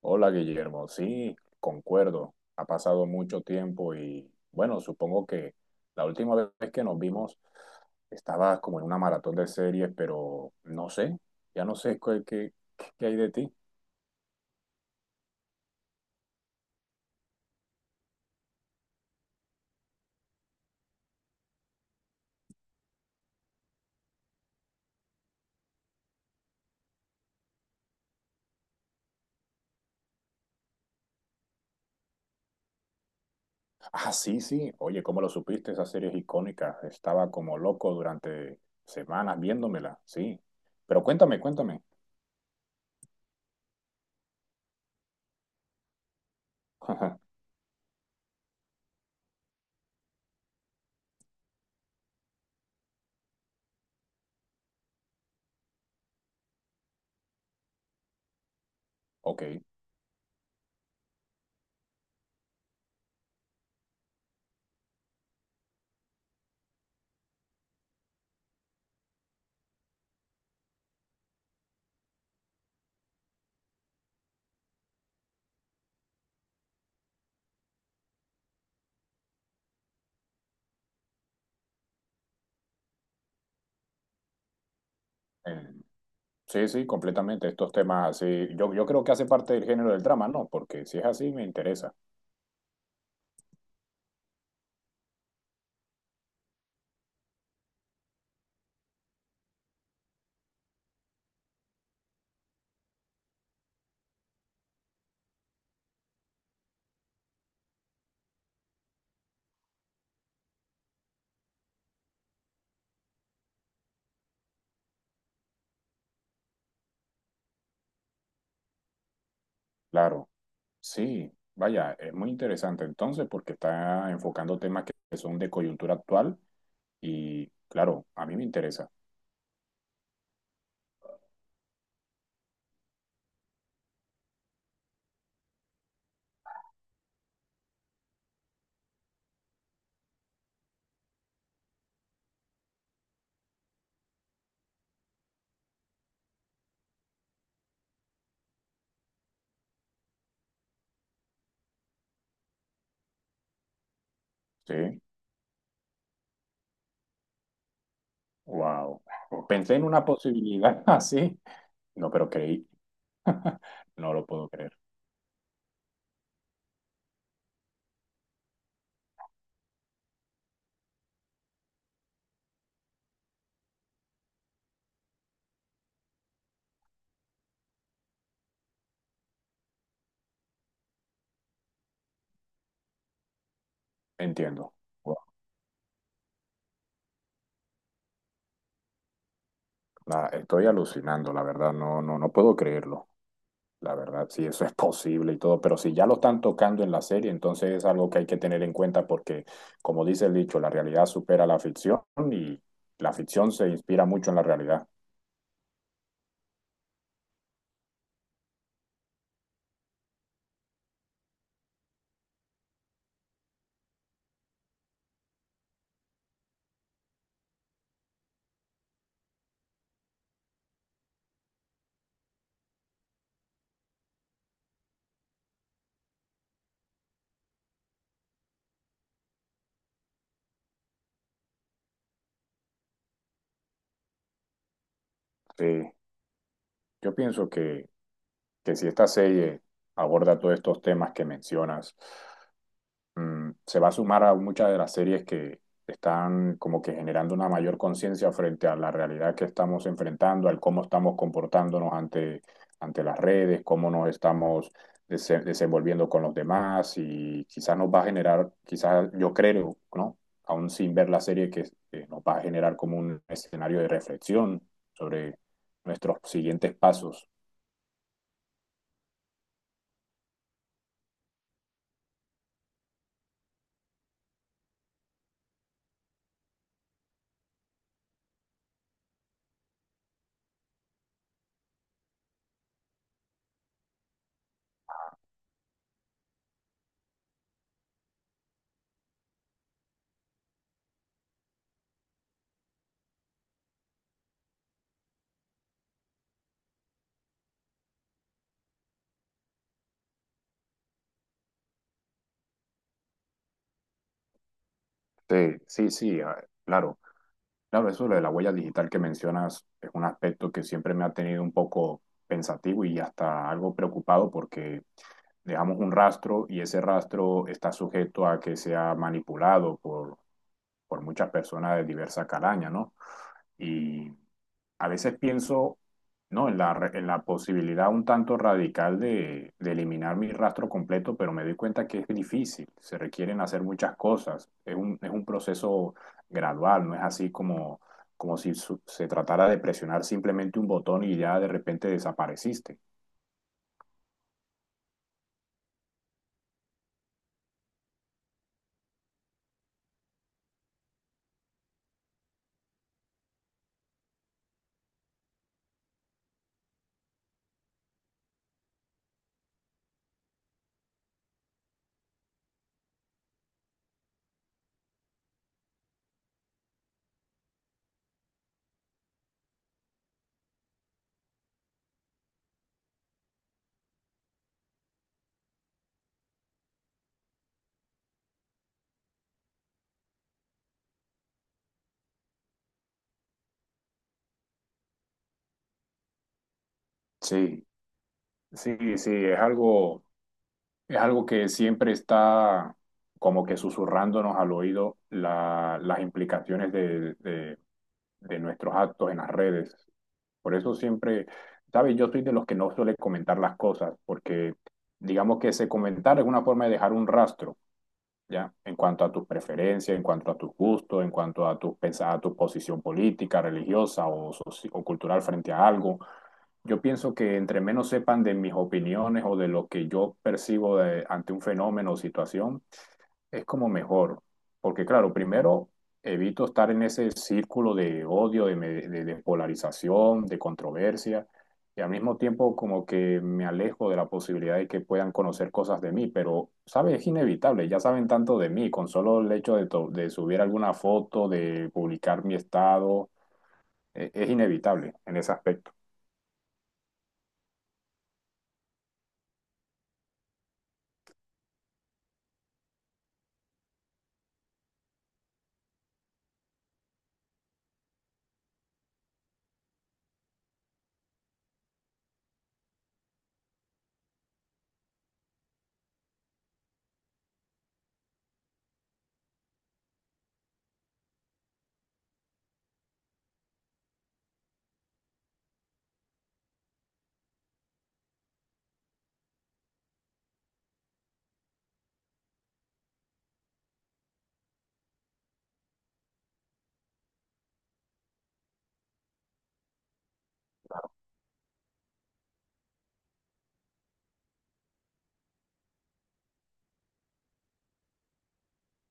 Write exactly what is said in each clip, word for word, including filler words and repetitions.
Hola Guillermo, sí, concuerdo. Ha pasado mucho tiempo y bueno, supongo que la última vez que nos vimos estabas como en una maratón de series, pero no sé, ya no sé qué, qué, qué hay de ti. Ah, sí, sí, oye, ¿cómo lo supiste? Esa serie es icónica. Estaba como loco durante semanas viéndomela, sí. Pero cuéntame, cuéntame. Ok. Eh, sí, sí, completamente. Estos temas así, yo, yo creo que hace parte del género del drama, ¿no? Porque si es así, me interesa. Claro. Sí, vaya, es muy interesante entonces porque está enfocando temas que que son de coyuntura actual y claro, a mí me interesa. Sí, wow. Pensé en una posibilidad así, no, pero creí. No lo puedo creer. Entiendo. Wow. Nada, estoy alucinando, la verdad, no, no, no puedo creerlo. La verdad, sí, eso es posible y todo, pero si ya lo están tocando en la serie, entonces es algo que hay que tener en cuenta porque, como dice el dicho, la realidad supera la ficción y la ficción se inspira mucho en la realidad. Sí, yo pienso que, que si esta serie aborda todos estos temas que mencionas, mm, se va a sumar a muchas de las series que están como que generando una mayor conciencia frente a la realidad que estamos enfrentando, al cómo estamos comportándonos ante, ante las redes, cómo nos estamos dese- desenvolviendo con los demás y quizás nos va a generar, quizás yo creo, ¿no? Aún sin ver la serie, que eh, nos va a generar como un escenario de reflexión sobre nuestros siguientes pasos. Sí, sí, sí, ah, claro. Claro, eso de lo de la huella digital que mencionas es un aspecto que siempre me ha tenido un poco pensativo y hasta algo preocupado porque dejamos un rastro y ese rastro está sujeto a que sea manipulado por, por muchas personas de diversa calaña, ¿no? Y a veces pienso, ¿no? En la, re- en la posibilidad un tanto radical de, de eliminar mi rastro completo, pero me doy cuenta que es difícil, se requieren hacer muchas cosas, es un, es un proceso gradual, no es así como, como si su- se tratara de presionar simplemente un botón y ya de repente desapareciste. Sí, sí, sí, es algo, es algo que siempre está como que susurrándonos al oído la- las implicaciones de, de de nuestros actos en las redes. Por eso siempre, ¿sabes? Yo soy de los que no suele comentar las cosas, porque digamos que ese comentar es una forma de dejar un rastro, ¿ya? En cuanto a tus preferencias, en cuanto a tus gustos, en cuanto a tu, pens- a tu posición política, religiosa o, soci- o cultural frente a algo. Yo pienso que entre menos sepan de mis opiniones o de lo que yo percibo de- ante un fenómeno o situación, es como mejor, porque claro, primero evito estar en ese círculo de odio, de, me- de- de polarización, de controversia, y al mismo tiempo como que me alejo de la posibilidad de que puedan conocer cosas de mí, pero, ¿sabes? Es inevitable, ya saben tanto de mí, con solo el hecho de, to- de subir alguna foto, de publicar mi estado, e- es inevitable en ese aspecto.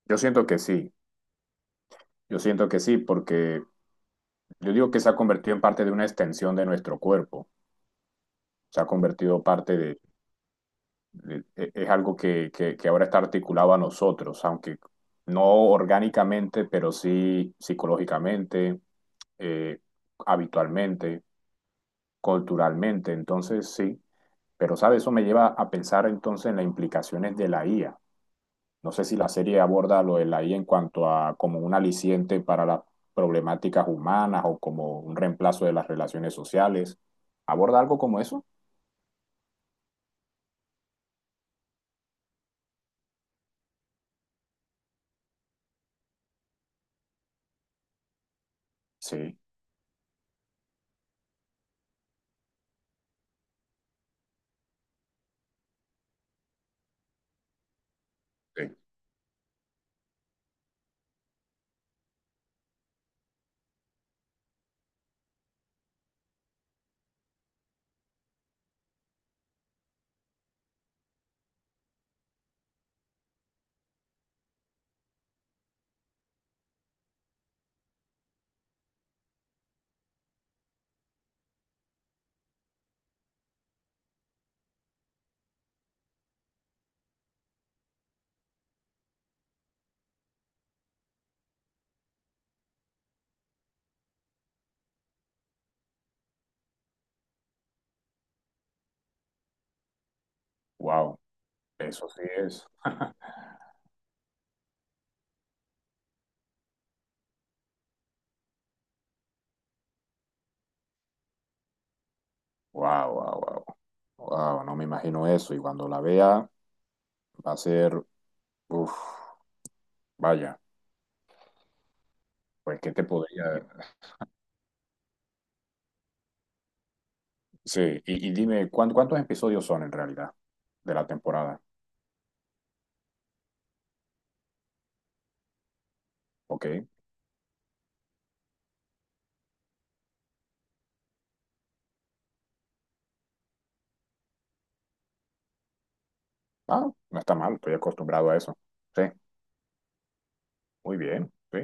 Yo siento que sí, yo siento que sí, porque yo digo que se ha convertido en parte de una extensión de nuestro cuerpo, se ha convertido parte de eh, es algo que, que, que ahora está articulado a nosotros, aunque no orgánicamente, pero sí psicológicamente, eh, habitualmente, culturalmente. Entonces, sí, pero sabe, eso me lleva a pensar entonces en las implicaciones de la I A. No sé si la serie aborda lo de la I A en cuanto a como un aliciente para las problemáticas humanas o como un reemplazo de las relaciones sociales. ¿Aborda algo como eso? Sí. Sí. Wow, eso sí es. Wow, wow, wow. Wow, no me imagino eso. Y cuando la vea, va a ser, uff, vaya, pues qué te podría... Sí, y, y dime, ¿cuán- ¿cuántos episodios son en realidad de la temporada? Ok. Ah, no está mal, estoy acostumbrado a eso. Sí, muy bien. Sí,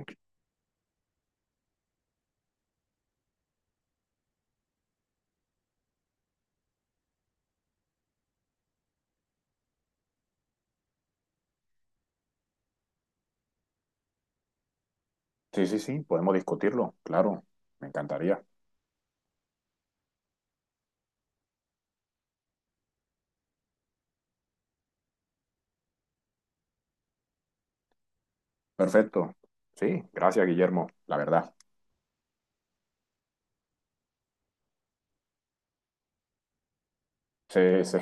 sí, sí, sí, podemos discutirlo, claro, me encantaría. Perfecto. Sí, gracias, Guillermo, la verdad. Sí, sí,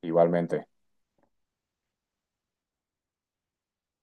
igualmente.